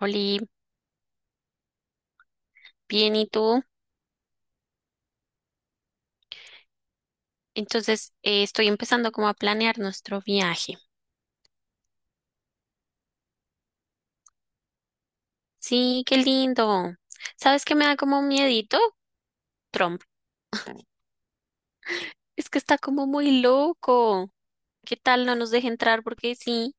Oli, bien, ¿y tú? Entonces, estoy empezando como a planear nuestro viaje. Sí, qué lindo. ¿Sabes qué me da como miedito? Trump. Es que está como muy loco. ¿Qué tal no nos deje entrar? Porque sí.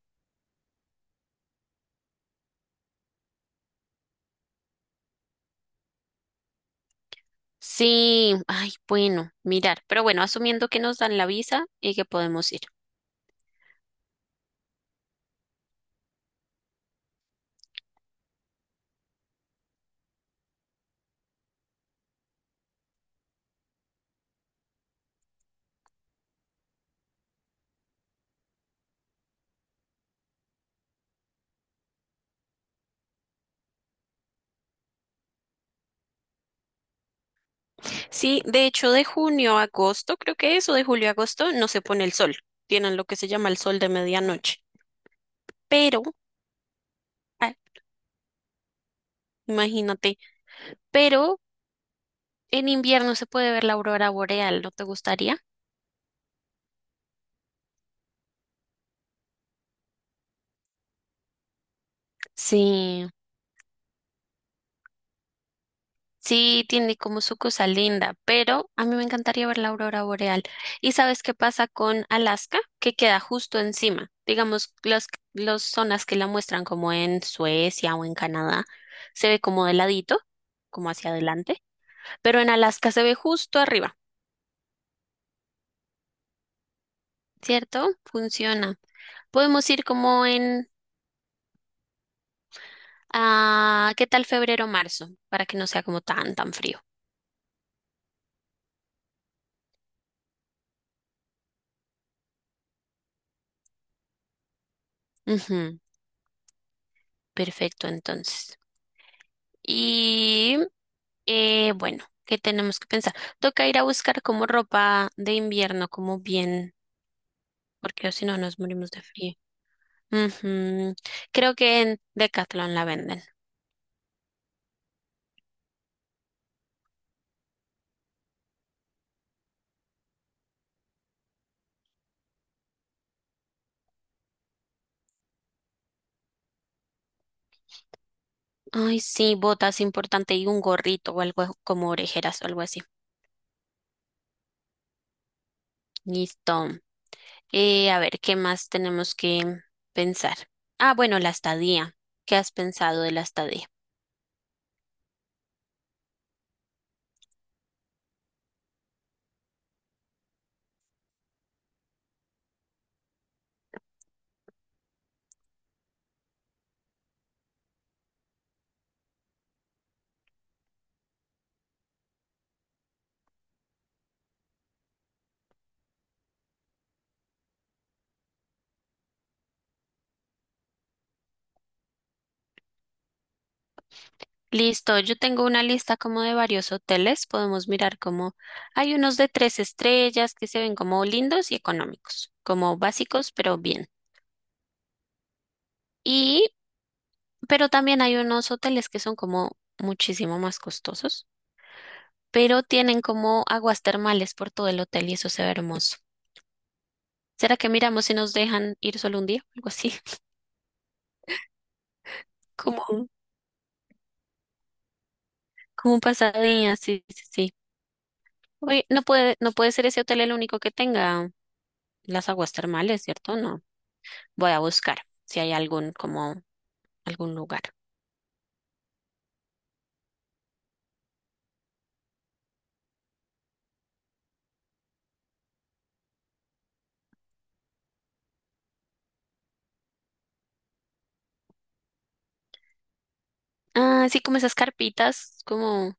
Sí, ay, bueno, mirar. Pero bueno, asumiendo que nos dan la visa y que podemos ir. Sí, de hecho, de junio a agosto, creo que es, o de julio a agosto, no se pone el sol. Tienen lo que se llama el sol de medianoche. Pero, ah, imagínate. Pero en invierno se puede ver la aurora boreal, ¿no te gustaría? Sí, sí, tiene como su cosa linda, pero a mí me encantaría ver la aurora boreal. ¿Y sabes qué pasa con Alaska? Que queda justo encima. Digamos, las los zonas que la muestran como en Suecia o en Canadá, se ve como de ladito, como hacia adelante, pero en Alaska se ve justo arriba, ¿cierto? Funciona. Podemos ir como en, ah, ¿qué tal febrero o marzo? Para que no sea como tan, tan frío. Ujú. Perfecto, entonces. Y bueno, ¿qué tenemos que pensar? Toca ir a buscar como ropa de invierno, como bien, porque si no nos morimos de frío. Ujú. Creo que en Decathlon la venden. Ay, sí, botas importante y un gorrito o algo como orejeras o algo así. Listo. A ver, ¿qué más tenemos que pensar? Ah, bueno, la estadía. ¿Qué has pensado de la estadía? Listo, yo tengo una lista como de varios hoteles, podemos mirar como hay unos de tres estrellas que se ven como lindos y económicos, como básicos, pero bien. Y, pero también hay unos hoteles que son como muchísimo más costosos, pero tienen como aguas termales por todo el hotel y eso se ve hermoso. ¿Será que miramos si nos dejan ir solo un día? Algo así, como, un- como un pasadía, sí, sí, sí. Oye, no puede ser ese hotel el único que tenga las aguas termales, ¿cierto? No. Voy a buscar si hay algún lugar. Ah, sí, como esas carpitas, como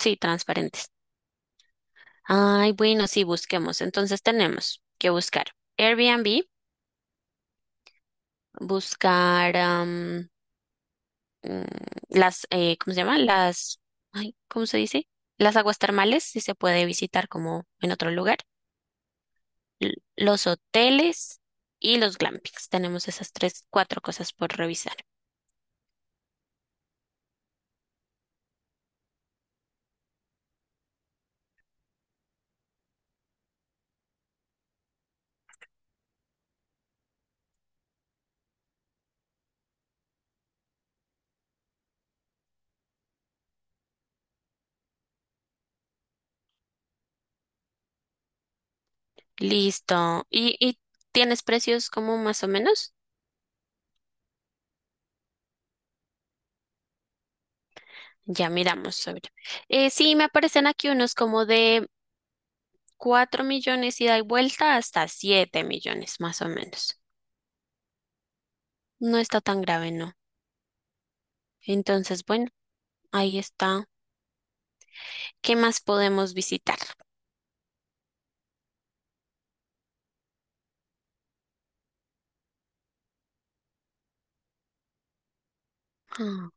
sí, transparentes. Ay, bueno, sí, busquemos. Entonces tenemos que buscar Airbnb, buscar mm, las, ¿cómo se llama? Las, ay, ¿cómo se dice? Las aguas termales, si se puede visitar como en otro lugar. Los hoteles y los glampings. Tenemos esas tres, cuatro cosas por revisar. Listo. ¿Y tienes precios como más o menos? Ya miramos sobre. Sí, me aparecen aquí unos como de 4 millones ida y vuelta hasta 7 millones más o menos. No está tan grave, ¿no? Entonces, bueno, ahí está. ¿Qué más podemos visitar? Ah.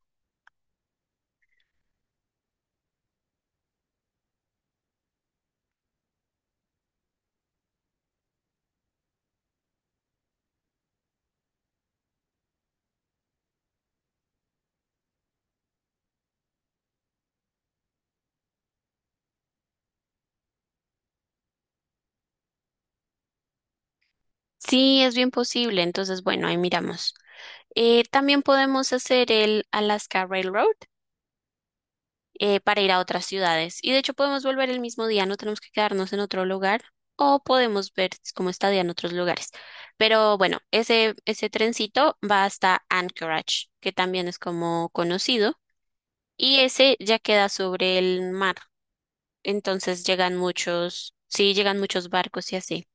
Sí, es bien posible. Entonces, bueno, ahí miramos. También podemos hacer el Alaska Railroad. Para ir a otras ciudades. Y de hecho podemos volver el mismo día, no tenemos que quedarnos en otro lugar o podemos ver cómo está día en otros lugares. Pero bueno, ese trencito va hasta Anchorage, que también es como conocido, y ese ya queda sobre el mar. Entonces llegan muchos, sí, llegan muchos barcos y así.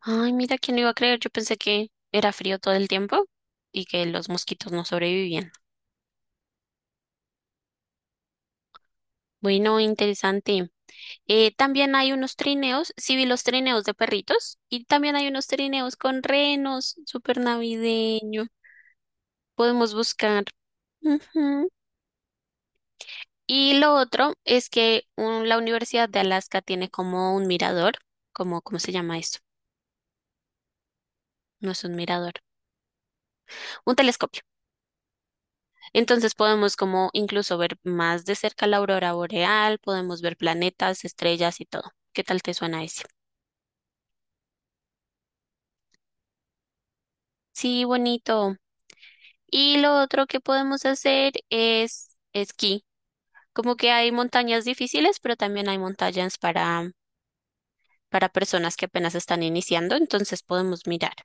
Ay, mira, ¿quién lo iba a creer? Yo pensé que era frío todo el tiempo y que los mosquitos no sobrevivían. Bueno, interesante. También hay unos trineos, sí vi los trineos de perritos y también hay unos trineos con renos, súper navideño. Podemos buscar. Ujú. Y lo otro es que la Universidad de Alaska tiene como un mirador, como, ¿cómo se llama esto? No es un mirador, un telescopio. Entonces podemos como incluso ver más de cerca la aurora boreal, podemos ver planetas, estrellas y todo. ¿Qué tal te suena ese? Sí, bonito. Y lo otro que podemos hacer es esquí. Como que hay montañas difíciles, pero también hay montañas para personas que apenas están iniciando, entonces podemos mirar.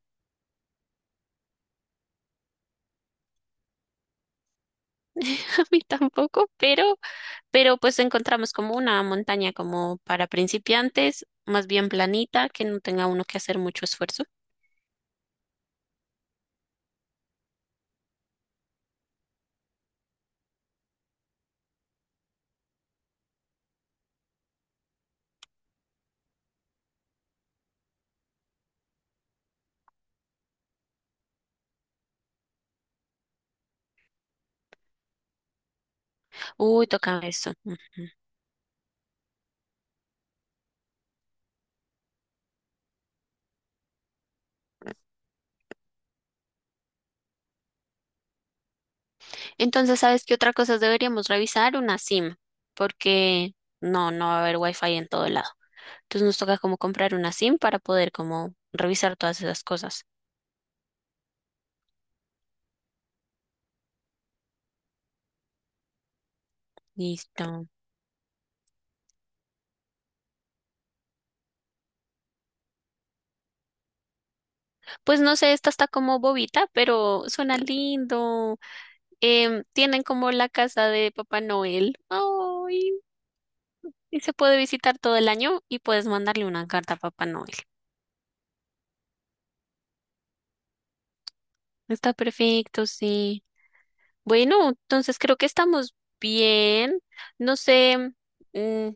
A mí tampoco, pero pues encontramos como una montaña como para principiantes, más bien planita, que no tenga uno que hacer mucho esfuerzo. Uy, toca eso. Ujú. Entonces, ¿sabes qué otra cosa deberíamos revisar? Una SIM, porque no va a haber wifi en todo lado. Entonces nos toca como comprar una SIM para poder como revisar todas esas cosas. Listo. Pues no sé, esta está como bobita, pero suena lindo. Tienen como la casa de Papá Noel. Ay, y se puede visitar todo el año y puedes mandarle una carta a Papá Noel. Está perfecto, sí. Bueno, entonces creo que estamos bien. No sé, mm,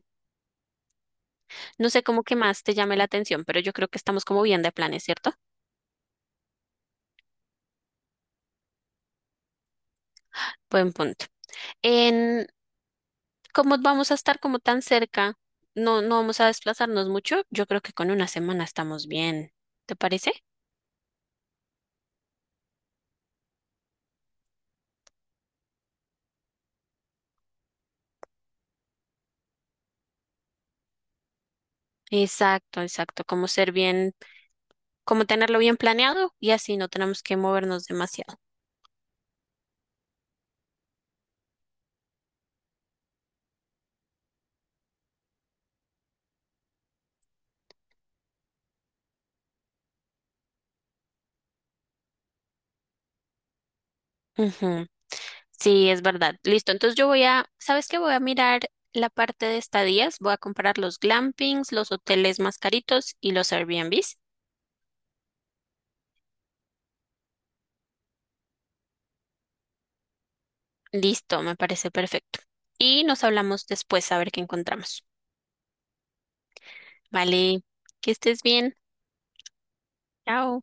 no sé cómo que más te llame la atención, pero yo creo que estamos como bien de planes, ¿cierto? Buen punto. En Como vamos a estar como tan cerca, no vamos a desplazarnos mucho, yo creo que con una semana estamos bien. ¿Te parece? Exacto, exacto. Como ser bien, como tenerlo bien planeado y así no tenemos que movernos demasiado. Ujú. Sí, es verdad. Listo. Entonces yo voy a, ¿sabes qué? Voy a mirar la parte de estadías. Voy a comparar los glampings, los hoteles más caritos y los Airbnbs. Listo, me parece perfecto. Y nos hablamos después a ver qué encontramos. Vale, que estés bien. Chao.